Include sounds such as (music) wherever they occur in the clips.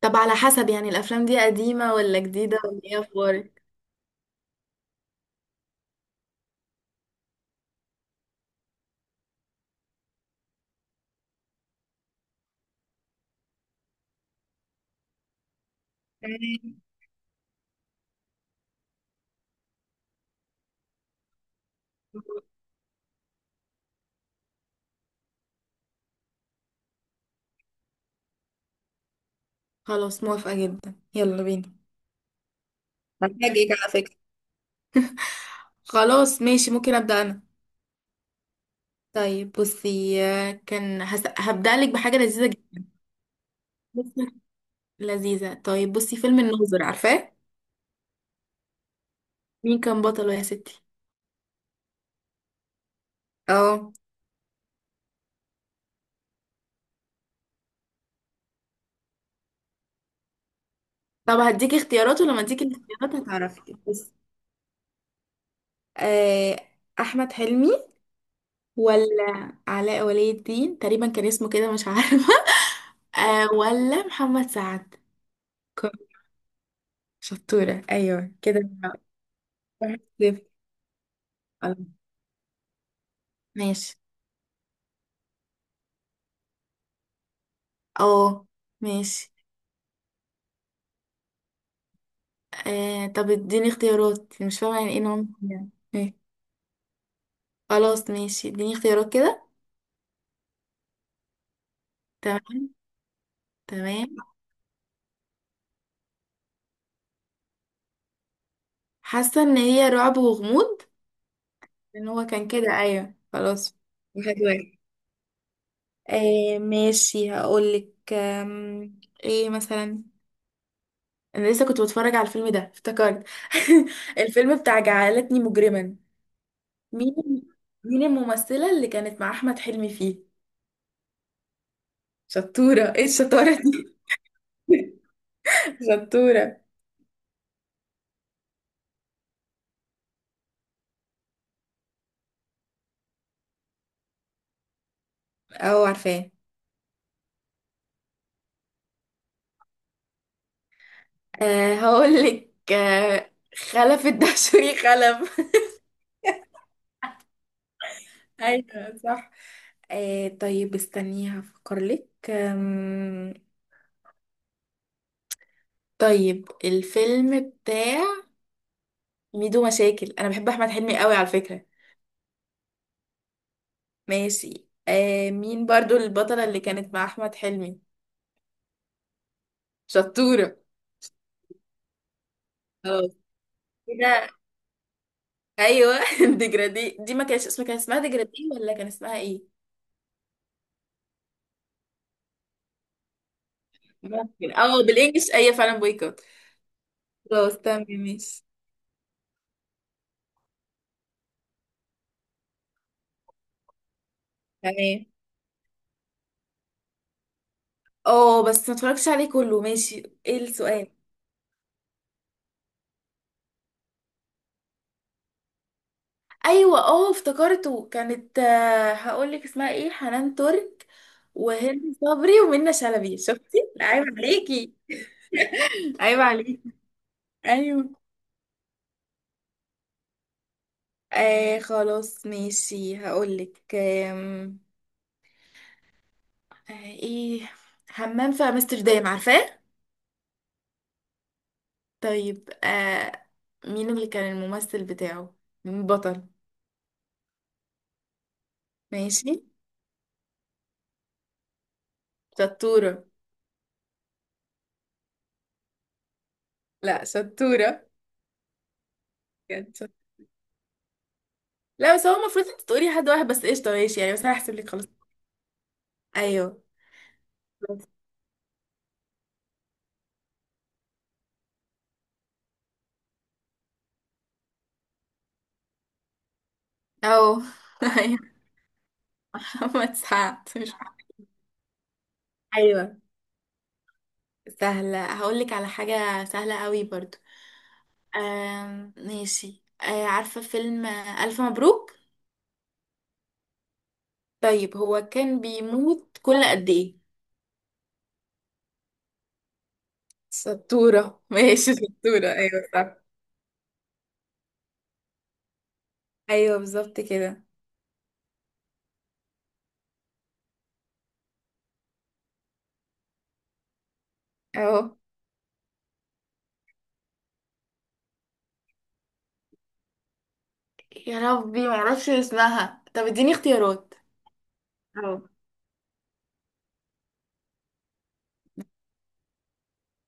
طب على حسب، يعني الافلام دي قديمة ولا جديدة ولا ايه؟ اخبارك؟ تمام. خلاص، موافقة جدا، يلا بينا. هفاجئك على فكرة. خلاص ماشي، ممكن ابدا انا؟ طيب بصي، كان هبدا لك بحاجة لذيذة جدا. بصي، لذيذة. طيب بصي، فيلم الناظر، عارفاه؟ مين كان بطله يا ستي؟ اه. طب هديكي اختيارات، ولما اديكي الاختيارات هتعرفي. بصي، آه، احمد حلمي، ولا علاء ولي الدين؟ تقريبا كان اسمه كده، مش عارفة. (laughs) ولا محمد سعد؟ كو- شطورة، أيوة كده. 1-0. خلاص. ماشي. اه، ماشي. طب اديني اختيارات، مش فاهمة يعني ايه نوع. يعني إيه. خلاص ماشي، اديني اختيارات كده. تمام. تمام. حاسة ان هي رعب وغموض. ان هو كان كده، ايوه، خلاص. 1-1. ماشي، هقولك. ايه مثلا؟ انا لسه كنت بتفرج على الفيلم ده، افتكرت. (laughs) الفيلم بتاع جعلتني مجرما. مين؟ الممثلة اللي كانت مع احمد حلمي فيه؟ شطورة، ايه الشطارة دي؟ (laughs) شطورة. اه، عارفاه. هقول لك. خلف الدهشوري خلف. (laughs) ايوه، صح. طيب استني هفكر لك. طيب الفيلم بتاع ميدو مشاكل، انا بحب احمد حلمي قوي على فكرة. ماشي. مين برضو البطلة اللي كانت مع أحمد حلمي؟ شطورة. خلاص كده، أيوة. (laughs) ديجرادي، دي ما كانش اسمها، كان اسمها ديجرادي ولا كان اسمها ايه؟ ممكن. اه، بالانجلش ايوه، فعلا بويكوت. خلاص، تمام، ماشي. تمام. اه، بس ما اتفرجتش عليه كله. ماشي، ايه السؤال؟ ايوه، اه، افتكرته، كانت. هقول لك اسمها ايه، حنان ترك وهند صبري ومنى شلبي. شفتي؟ لا، عيب عليكي. عيب عليكي. ايوه. خلاص ماشي، هقولك. ايه. حمام في امستردام، عارفاه؟ طيب. مين اللي كان الممثل بتاعه؟ مين البطل؟ ماشي، شطورة. لا، شطورة بجد. لا بس هو المفروض انت تقولي حد واحد بس، قشطة، ماشي يعني، بس انا هحسب لك. خلاص. ايوه. او. (laughs) ايوه، محمد سعد، مش عارفة. ايوه. سهلة. هقولك على حاجة سهلة قوي برضو. ماشي. عارفة فيلم ألف مبروك؟ طيب، هو كان بيموت كل قد إيه؟ شطورة. (laughs) ماشي، شطورة، أيوة صح. أيوة بالظبط كده. أهو. يا ربي، معرفش اسمها. طب اديني اختيارات. أهو.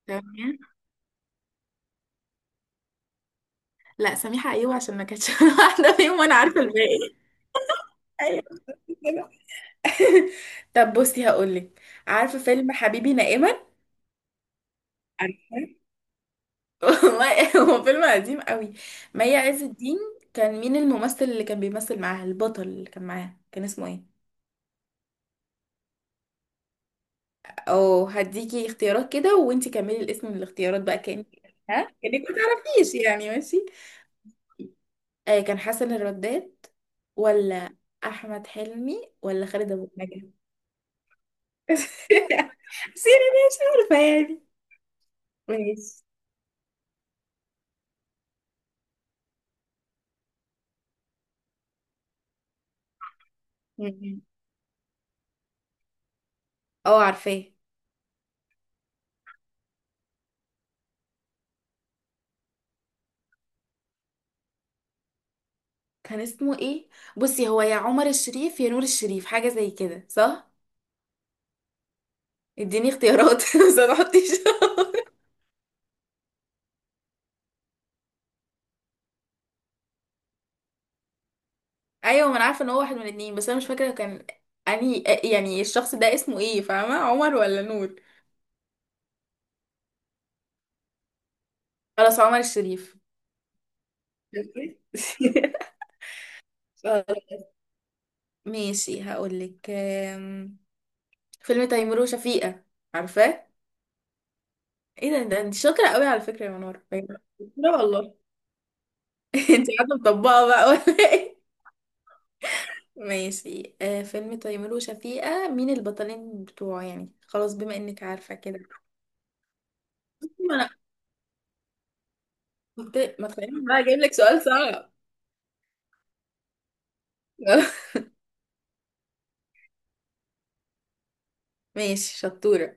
تمام. لا، سميحة. أيوة، عشان ما كانتش (laughs) واحدة فيهم وأنا عارفة الباقي. أيوة كده. (laughs) طب بصي هقولك، عارفة فيلم حبيبي نائما؟ عارفة. (laughs) والله هو فيلم قديم قوي. مي عز الدين، كان مين الممثل اللي كان بيمثل معاها؟ البطل اللي كان معاها كان اسمه ايه؟ او، هديكي اختيارات كده وانتي كملي الاسم من الاختيارات بقى كأنك. ها، كأنك ما تعرفيش يعني، ماشي. كان حسن الرداد؟ ولا احمد حلمي، ولا خالد ابو النجا؟ (laughs) بس يعني مش (laughs) عارفه يعني. ماشي. م-م. اه، عارفاه. كان اسمه ايه؟ بصي، هو يا عمر الشريف يا نور الشريف، حاجه زي كده صح. اديني اختيارات. (laughs) بس ما تحطيش. ايوه، ما انا عارفه ان هو واحد من الاتنين، بس انا مش فاكره كان انهي، يعني الشخص ده اسمه ايه، فاهمه؟ عمر ولا نور؟ خلاص، عمر الشريف. (laughs) خلاص. ماشي، هقولك. فيلم تيمور وشفيقة، عارفاه؟ ايه ده، ده انت شاطره قوي على فكره يا منور. لا والله. (laughs) انت قاعده مطبقه بقى ولا ايه؟ ماشي. فيلم تيمور وشفيقة، مين البطلين بتوعه؟ يعني خلاص، بما انك عارفه كده. ما تخليني بقى اجيب لك سؤال صعب. (laughs) ماشي، شطورة.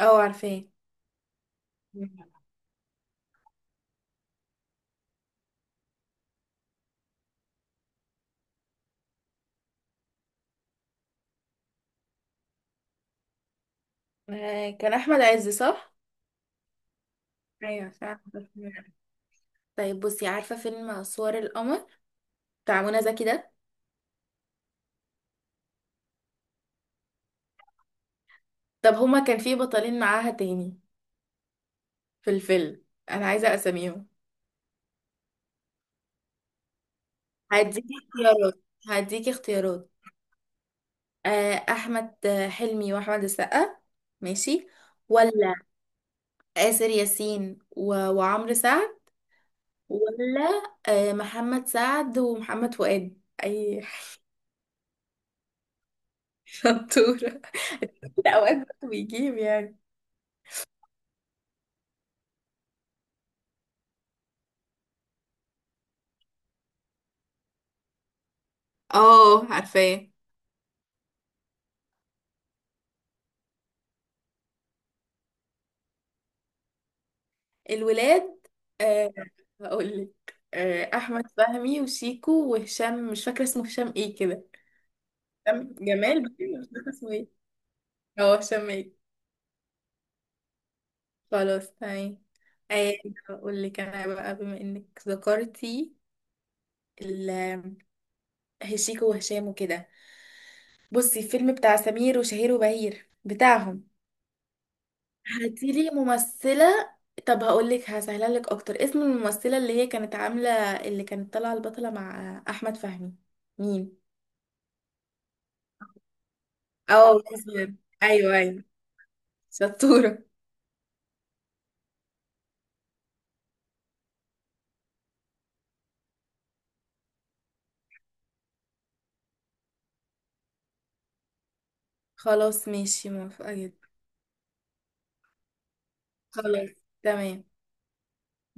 اه عارفاه. كان احمد عز، صح؟ ايوه صح. طيب بصي، عارفة فيلم صور القمر، بتاع منى زكي ده؟ طب هما كان في بطلين معاها تاني في الفيلم، انا عايزة اساميهم. هديكي اختيارات. هديكي اختيارات. احمد حلمي واحمد السقا؟ ماشي. ولا آسر ياسين و... وعمرو سعد؟ ولا محمد سعد ومحمد فؤاد، اي؟ (laughs) شطورة. لا، اوقات برضه بيجيب يعني. اه، عارفاه. الولاد؟ أه هقول لك. احمد فهمي وشيكو وهشام، مش فاكره اسمه هشام ايه كده. هشام جمال، بس مش فاكره اسمه ايه، هو هشام ايه؟ خلاص، تمام. أه هقول لك انا بقى، بما انك ذكرتي ال- شيكو وهشام وكده، بصي الفيلم بتاع سمير وشهير وبهير بتاعهم. هاتيلي ممثلة. طب هقولك، هسهلها لك اكتر. اسم الممثلة اللي هي كانت عاملة، اللي كانت طالعة البطلة مع احمد فهمي، مين؟ اه، مصر. ايوه، ايوه، شطورة. خلاص، ماشي، موافقة جدا. خلاص، تمام.